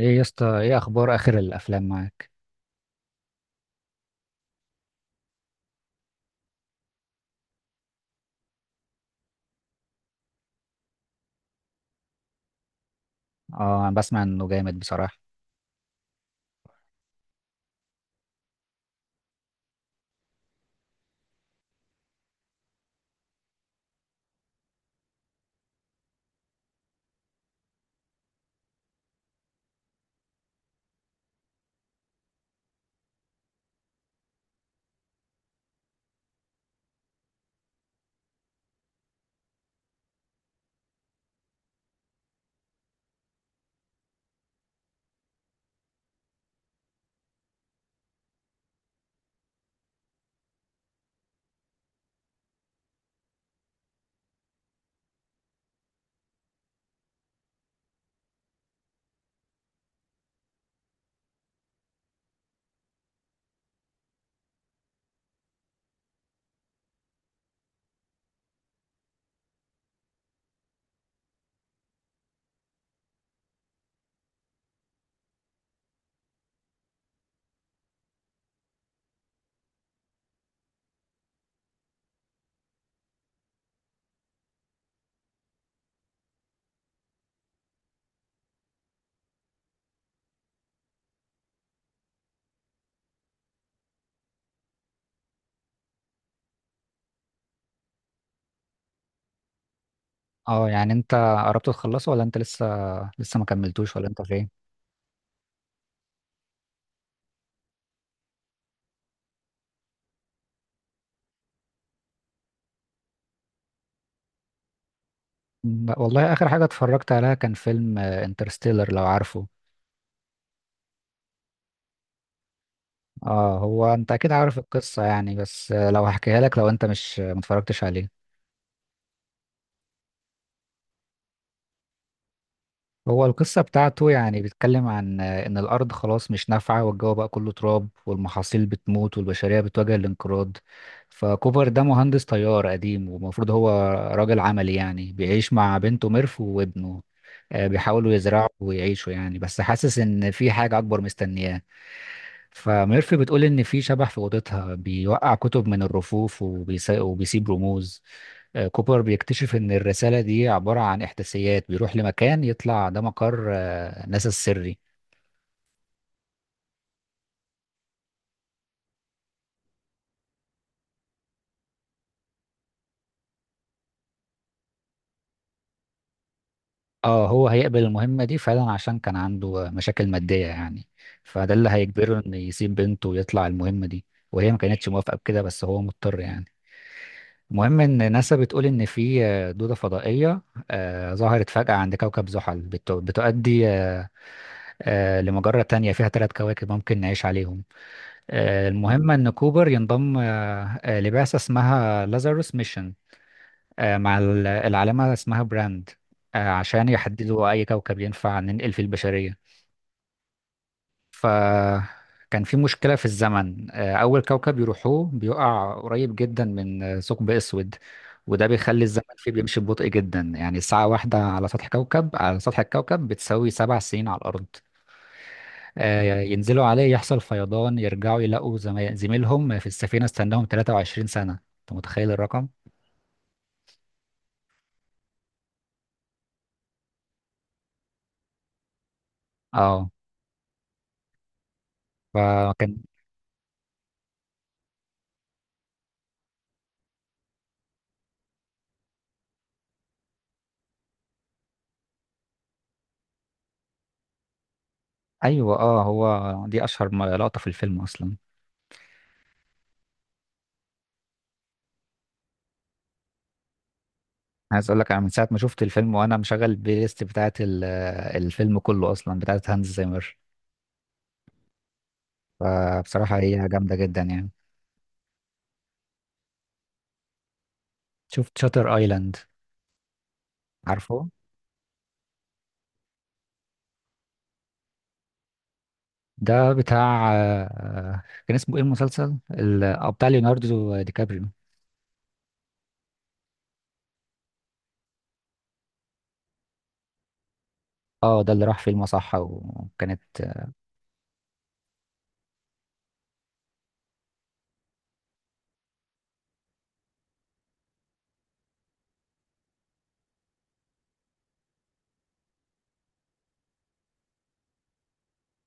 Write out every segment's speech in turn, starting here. ايه يا اسطى، ايه اخبار اخر الافلام معاك؟ اه، انا بسمع انه جامد بصراحه. اه، يعني انت قربت تخلصه ولا انت لسه؟ لسه ما كملتوش ولا انت فين؟ والله اخر حاجه اتفرجت عليها كان فيلم انترستيلر، لو عارفه. اه، هو انت اكيد عارف القصه يعني، بس لو هحكيها لك لو انت مش ما اتفرجتش عليه. هو القصة بتاعته يعني بيتكلم عن إن الأرض خلاص مش نافعة، والجو بقى كله تراب، والمحاصيل بتموت، والبشرية بتواجه الانقراض. فكوبر ده مهندس طيار قديم ومفروض هو راجل عملي يعني، بيعيش مع بنته ميرف وابنه. بيحاولوا يزرعوا ويعيشوا يعني، بس حاسس إن في حاجة أكبر مستنياه. فميرف بتقول إن في شبح في أوضتها بيوقع كتب من الرفوف وبيسيب رموز. كوبر بيكتشف إن الرسالة دي عبارة عن إحداثيات، بيروح لمكان يطلع ده مقر ناسا السري. اه، هو هيقبل المهمة دي فعلا عشان كان عنده مشاكل مادية يعني. فده اللي هيجبره إنه يسيب بنته ويطلع المهمة دي. وهي ما كانتش موافقة بكده، بس هو مضطر يعني. المهم إن ناسا بتقول إن في دودة فضائية ظهرت فجأة عند كوكب زحل بتؤدي لمجرة تانية فيها ثلاث كواكب ممكن نعيش عليهم. المهم إن كوبر ينضم لبعثة اسمها لازاروس ميشن، مع العالمة اسمها براند، عشان يحددوا أي كوكب ينفع ننقل فيه البشرية. فكان في مشكلة في الزمن. أول كوكب يروحوه بيقع قريب جدا من ثقب أسود، وده بيخلي الزمن فيه بيمشي ببطء جدا، يعني ساعة واحدة على سطح كوكب على سطح الكوكب بتساوي 7 سنين على الأرض. ينزلوا عليه يحصل فيضان، يرجعوا يلاقوا زميلهم في السفينة استناهم 23 سنة. انت متخيل الرقم؟ اه، فكان. ايوه، اه، هو دي اشهر لقطة في الفيلم اصلا. عايز اقول لك، انا من ساعة ما شفت الفيلم وانا مشغل البلاي ليست بتاعت الفيلم كله اصلا، بتاعت هانز زيمر. فبصراحة هي جامدة جدا يعني. شفت شاتر ايلاند، عارفه؟ ده بتاع كان اسمه ايه المسلسل بتاع ليوناردو دي كابريو؟ اه، ده اللي راح فيلم، صح؟ وكانت.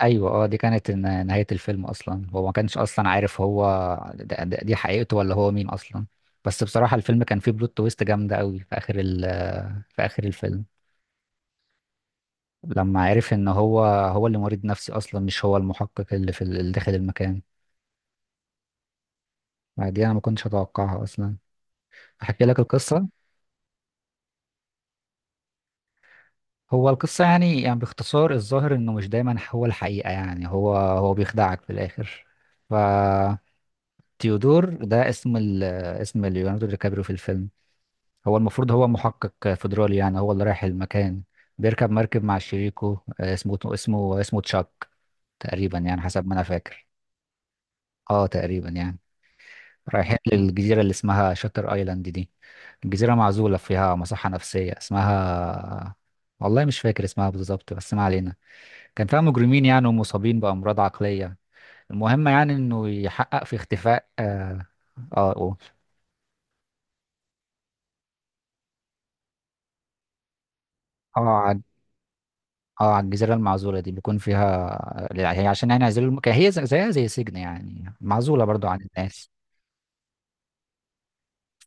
ايوه، اه، دي كانت نهاية الفيلم اصلا. هو ما كانش اصلا عارف هو دي حقيقته ولا هو مين اصلا. بس بصراحة الفيلم كان فيه بلوت تويست جامدة قوي في اخر في اخر الفيلم، لما عرف ان هو هو اللي مريض نفسي اصلا، مش هو المحقق اللي في اللي داخل المكان. دي انا ما كنتش اتوقعها اصلا. احكي لك القصة. هو القصة يعني باختصار، الظاهر انه مش دايما هو الحقيقة يعني، هو هو بيخدعك في الاخر. ف تيودور ده اسم اسم ليوناردو دي كابريو في الفيلم. هو المفروض هو محقق فيدرالي يعني، هو اللي رايح المكان. بيركب مركب مع شريكه، اسمه تشاك، تقريبا يعني حسب ما انا فاكر. اه، تقريبا يعني. رايحين للجزيرة اللي اسمها شاتر ايلاند دي. الجزيرة معزولة، فيها مصحة نفسية اسمها، والله مش فاكر اسمها بالظبط، بس ما علينا. كان فيها مجرمين يعني، ومصابين بأمراض عقلية. المهم يعني انه يحقق في اختفاء. اه اه آه، اه على الجزيرة المعزولة دي بيكون فيها، هي عشان يعني يعزلوا هي زيها زي سجن يعني، معزولة برضو عن الناس.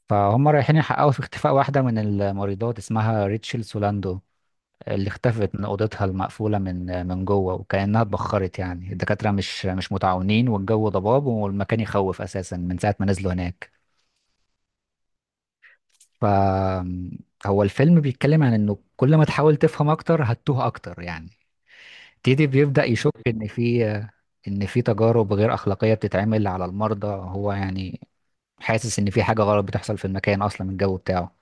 فهم رايحين يحققوا في اختفاء واحدة من الممرضات اسمها ريتشل سولاندو، اللي اختفت من أوضتها المقفولة من جوه، وكأنها اتبخرت يعني. الدكاترة مش متعاونين، والجو ضباب، والمكان يخوف أساسا من ساعة ما نزلوا هناك. ف هو الفيلم بيتكلم عن إنه كل ما تحاول تفهم أكتر هتتوه أكتر يعني. تيدي بيبدأ يشك إن في تجارب غير أخلاقية بتتعمل على المرضى، هو يعني حاسس إن في حاجة غلط بتحصل في المكان، أصلا الجو بتاعه.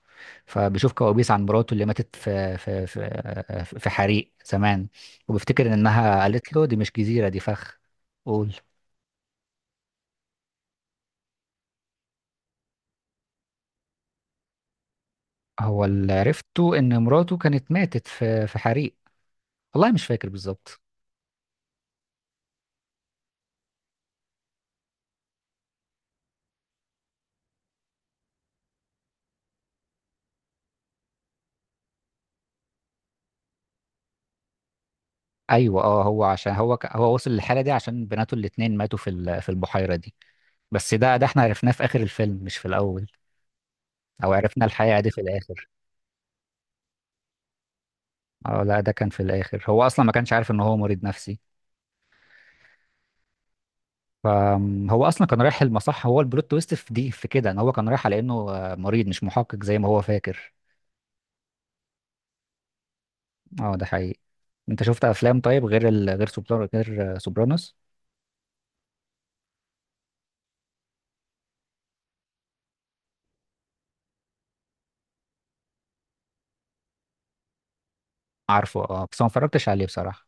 فبيشوف كوابيس عن مراته اللي ماتت في حريق زمان، وبيفتكر إنها قالت له دي مش جزيرة، دي فخ. قول. هو اللي عرفته إن مراته كانت ماتت في حريق، والله مش فاكر بالظبط. أيوه، أه، هو عشان هو وصل للحالة دي عشان بناته الاتنين ماتوا في البحيرة دي. بس ده احنا عرفناه في اخر الفيلم، مش في الاول. او عرفنا الحقيقة دي في الاخر. اه، لا، ده كان في الاخر، هو اصلا ما كانش عارف ان هو مريض نفسي. فهو اصلا كان رايح المصح، هو البلوت تويست في دي في كده ان هو كان رايح على انه مريض، مش محقق زي ما هو فاكر. اه، ده حقيقي. انت شفت افلام طيب غير غير سوبرانوس، غير سوبرانوس؟ عارفه، اه، بس أنا ما اتفرجتش عليه بصراحة.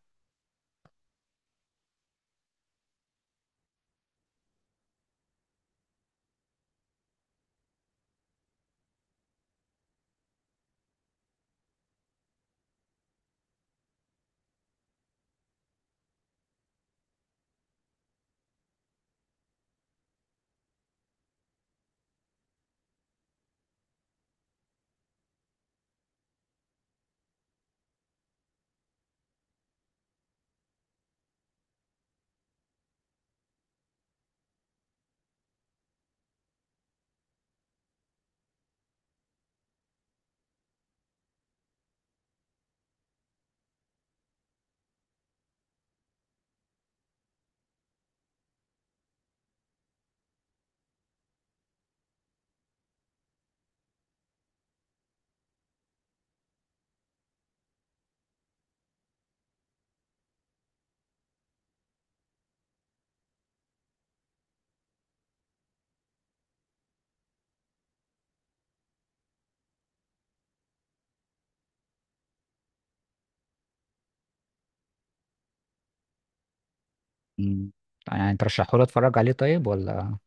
مم. يعني ترشحه لي اتفرج عليه طيب، ولا؟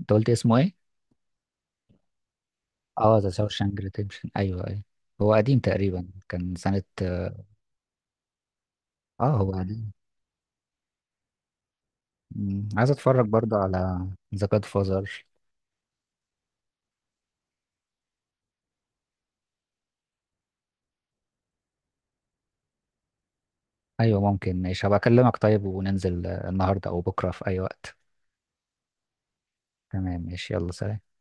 انت قلت اسمه ايه؟ اه، ذا شاوشانك ريديمشن، ايوه، ايوه. هو قديم تقريبا، كان سنة. اه، هو قديم. مم. عايز اتفرج برضه على ذا جاد فازر. ايوه ممكن، ماشي، هبقى اكلمك طيب وننزل النهارده او بكره في اي وقت. تمام، ماشي، يلا سلام.